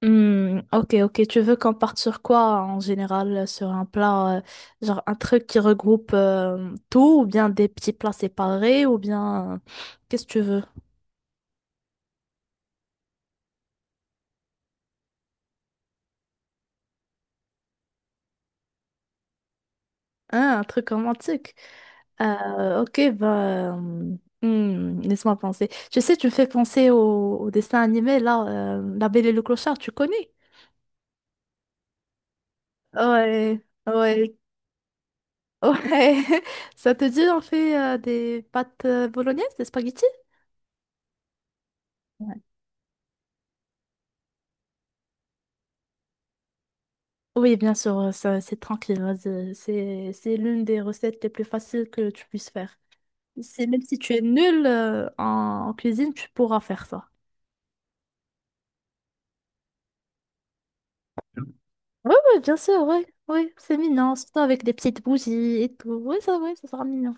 Hmm, ok, ok. Tu veux qu'on parte sur quoi en général? Sur un plat, genre un truc qui regroupe tout, ou bien des petits plats séparés, ou bien qu'est-ce que tu veux? Hein, un truc romantique. Ok, bah, hmm, laisse-moi penser. Tu sais, tu me fais penser au dessin animé là, La Belle et le Clochard. Tu connais? Ouais, ouais, ouais. Ça te dit on fait des pâtes bolognaises, des spaghettis? Oui, bien sûr, ça, c'est tranquille. Vas-y. C'est l'une des recettes les plus faciles que tu puisses faire. C'est même si tu es nul en cuisine, tu pourras faire ça. Oui, oui, bien sûr, oui, oui, c'est mignon, surtout avec des petites bougies et tout. Oui, ça sera mignon.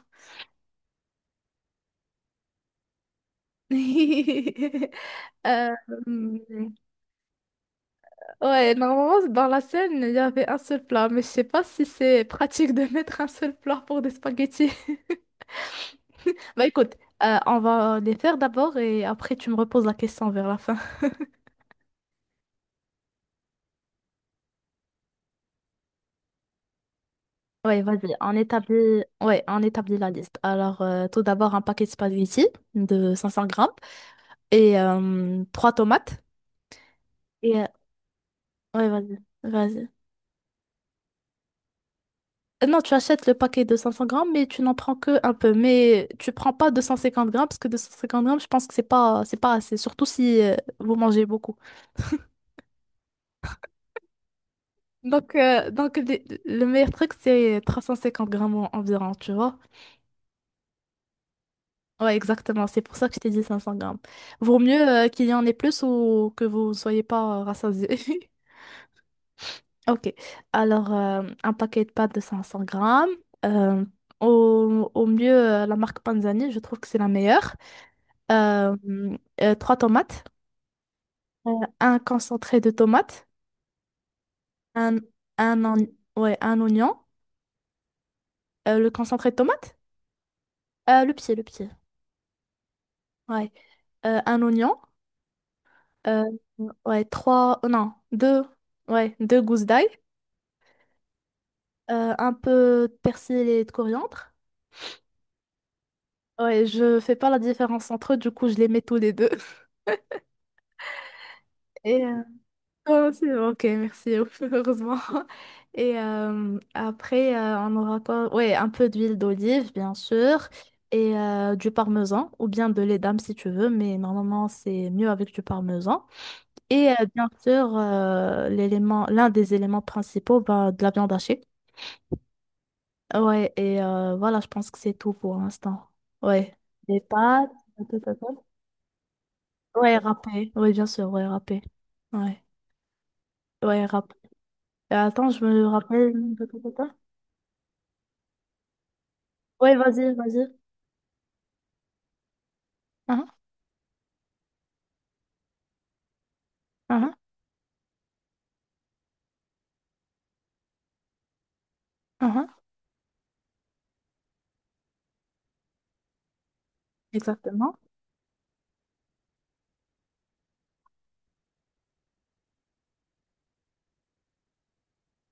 Euh, hum, ouais, normalement, dans la scène, il y avait un seul plat, mais je sais pas si c'est pratique de mettre un seul plat pour des spaghettis. Bah écoute, on va les faire d'abord et après tu me reposes la question vers la fin. Oui, vas-y, on établit... ouais, on établit la liste. Alors, tout d'abord, un paquet de spaghettis de 500 grammes et trois tomates. Et, ouais, vas-y, vas-y. Non, tu achètes le paquet de 500 grammes, mais tu n'en prends que un peu. Mais tu prends pas 250 grammes, parce que 250 grammes, je pense que c'est pas assez, surtout si vous mangez beaucoup. Donc le meilleur truc, c'est 350 grammes environ, tu vois. Ouais, exactement. C'est pour ça que je t'ai dit 500 grammes. Vaut mieux qu'il y en ait plus ou que vous ne soyez pas rassasiés. Ok. Alors, un paquet de pâtes de 500 grammes. Euh, Au mieux, la marque Panzani, je trouve que c'est la meilleure. Euh, trois tomates. euh, un concentré de tomates. Un, ouais, un oignon. Le concentré de tomate? Le pied, le pied. Ouais. Un oignon. euh, ouais, trois... Non, deux. Ouais, deux gousses d'ail. Un peu de persil et de coriandre. Ouais, je fais pas la différence entre eux, du coup, je les mets tous les deux. Et oh, c'est bon, ok, merci, heureusement. Et après, on aura quoi? Ouais, un peu d'huile d'olive, bien sûr, et du parmesan, ou bien de lait d'âme si tu veux, mais normalement, c'est mieux avec du parmesan. Et bien sûr, l'un des éléments principaux, bah, de la viande hachée. Ouais, et voilà, je pense que c'est tout pour l'instant. Ouais. Des pâtes, patata. Ouais, râpé. Ouais, bien sûr, ouais, râpé. Ouais, ouais, râpé. Et attends, je me rappelle. Patata. Ouais, vas-y, vas-y. Uhum, uhum, uhum. Exactement.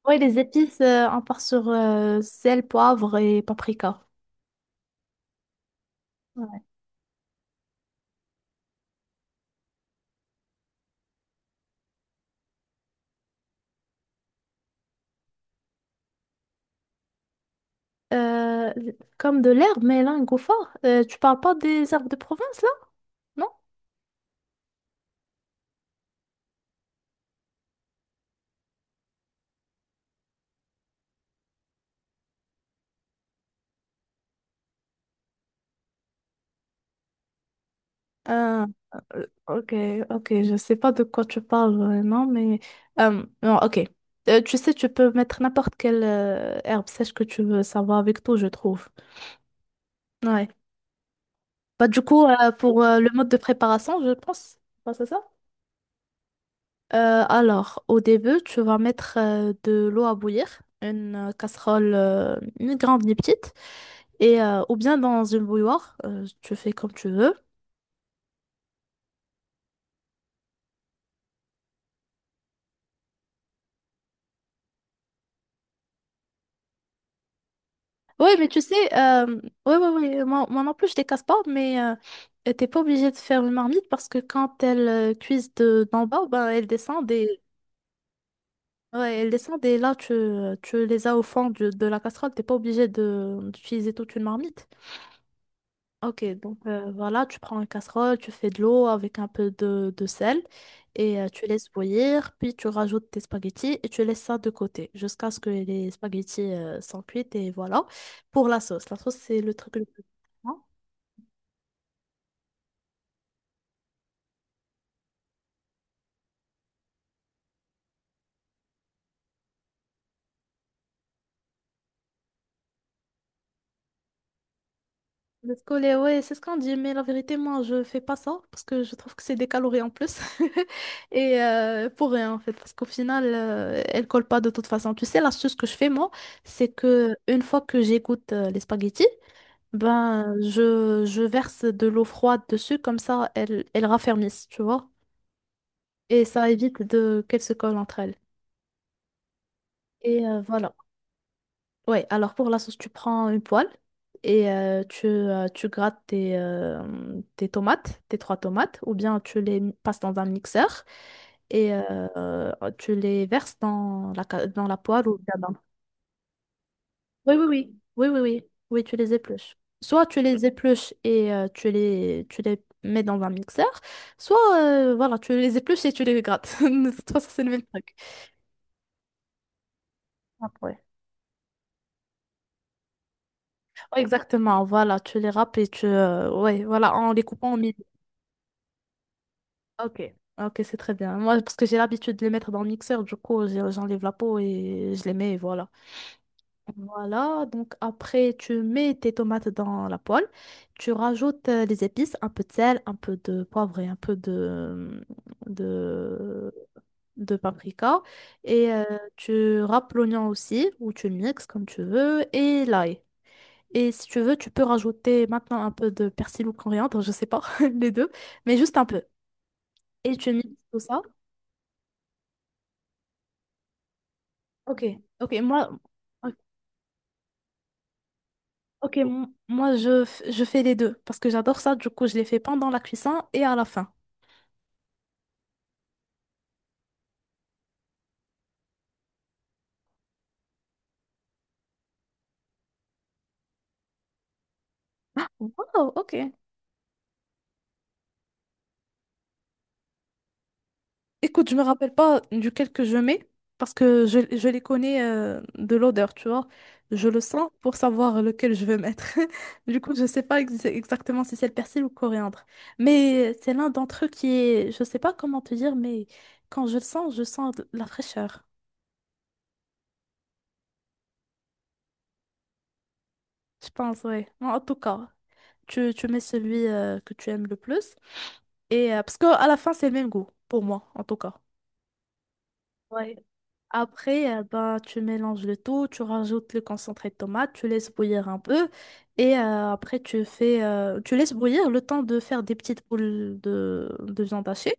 Ouais, les épices, on part sur sel, poivre et paprika. Ouais. Euh, Comme de l'herbe, mais là, un goût fort. Tu parles pas des herbes de province, là? Ah, ok, ok, je sais pas de quoi tu parles vraiment, mais non, ok. Tu sais, tu peux mettre n'importe quelle herbe sèche que tu veux, ça va avec tout, je trouve. Ouais. Bah, du coup, pour le mode de préparation, je pense, bah, c'est ça? Alors, au début, tu vas mettre de l'eau à bouillir, une casserole, ni grande ni petite, et ou bien dans une bouilloire, tu fais comme tu veux. Oui, mais tu sais, ouais, ouais, ouais, moi non plus, je les casse pas, mais t'es pas obligé de faire une marmite parce que quand elles cuisent d'en bas, ben, elles descendent et, ouais, elles descendent et là, tu les as au fond de la casserole, t'es pas obligé de, d'utiliser toute une marmite. Ok, donc voilà, tu prends une casserole, tu fais de l'eau avec un peu de sel et tu laisses bouillir, puis tu rajoutes tes spaghettis et tu laisses ça de côté jusqu'à ce que les spaghettis sont cuits et voilà. Pour la sauce c'est le truc le plus important. Le scolé, ouais, c'est ce qu'on dit, mais la vérité, moi, je fais pas ça parce que je trouve que c'est des calories en plus. Et pour rien, en fait, parce qu'au final, elle colle pas de toute façon. Tu sais, l'astuce que je fais, moi, c'est que une fois que j'égoutte les spaghettis, ben, je verse de l'eau froide dessus, comme ça, elles, elles raffermissent, tu vois. Et ça évite de qu'elles se collent entre elles. Et voilà. Ouais, alors pour la sauce, tu prends une poêle et tu grattes tes, tes tomates, tes trois tomates, ou bien tu les passes dans un mixeur et tu les verses dans la, dans la poêle ou bien dans... Oui, oui, oui, oui, oui, oui, oui, tu les épluches. Soit tu les épluches et tu les mets dans un mixeur, soit voilà, tu les épluches et tu les grattes. De toute façon, c'est le même truc. Après. Ouais, exactement, voilà, tu les râpes et tu... ouais, voilà, en les coupant en ok, ok, c'est très bien. Moi, parce que j'ai l'habitude de les mettre dans le mixeur, du coup, j'enlève la peau et je les mets, et voilà. Voilà, donc après, tu mets tes tomates dans la poêle, tu rajoutes les épices, un peu de sel, un peu de poivre et un peu de, de paprika. Et tu râpes l'oignon aussi, ou tu le mixes comme tu veux, et l'ail. Et si tu veux, tu peux rajouter maintenant un peu de persil ou coriandre, je sais pas, les deux, mais juste un peu. Et tu mixes tout ça. Ok, ok, moi, ok, ok, moi je fais les deux parce que j'adore ça. Du coup, je les fais pendant la cuisson et à la fin. Ah, wow, ok. Écoute, je me rappelle pas duquel que je mets parce que je les connais de l'odeur, tu vois. Je le sens pour savoir lequel je veux mettre. Du coup, je sais pas exactement si c'est le persil ou le coriandre. Mais c'est l'un d'entre eux qui est, je sais pas comment te dire, mais quand je le sens, je sens de la fraîcheur. Je pense, ouais. En tout cas, tu mets celui que tu aimes le plus. Et parce qu'à la fin, c'est le même goût, pour moi, en tout cas. Ouais. Après, ben, tu mélanges le tout, tu rajoutes le concentré de tomate, tu laisses bouillir un peu. Et après, tu laisses bouillir le temps de faire des petites boules de viande hachée,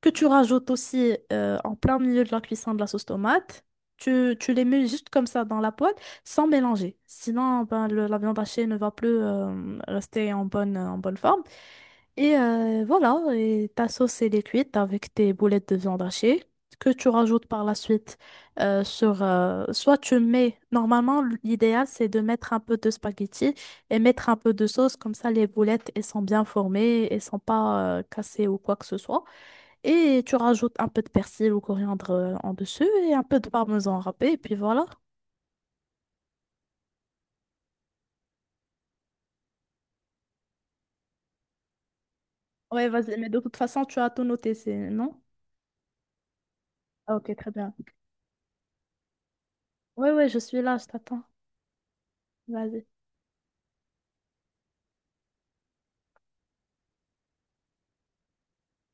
que tu rajoutes aussi en plein milieu de la cuisson de la sauce tomate. Tu les mets juste comme ça dans la poêle, sans mélanger. Sinon, ben, la viande hachée ne va plus rester en bonne forme. Et voilà, et ta sauce elle est cuite avec tes boulettes de viande hachée que tu rajoutes par la suite sur... soit tu mets... Normalement, l'idéal, c'est de mettre un peu de spaghetti et mettre un peu de sauce. Comme ça, les boulettes, elles sont bien formées, elles sont pas cassées ou quoi que ce soit. Et tu rajoutes un peu de persil ou coriandre en dessus et un peu de parmesan râpé. Et puis voilà. Ouais, vas-y, mais de toute façon, tu as tout noté, c'est... Non? Ah, ok, très bien. Ouais, ouais, je suis là, je t'attends. Vas-y.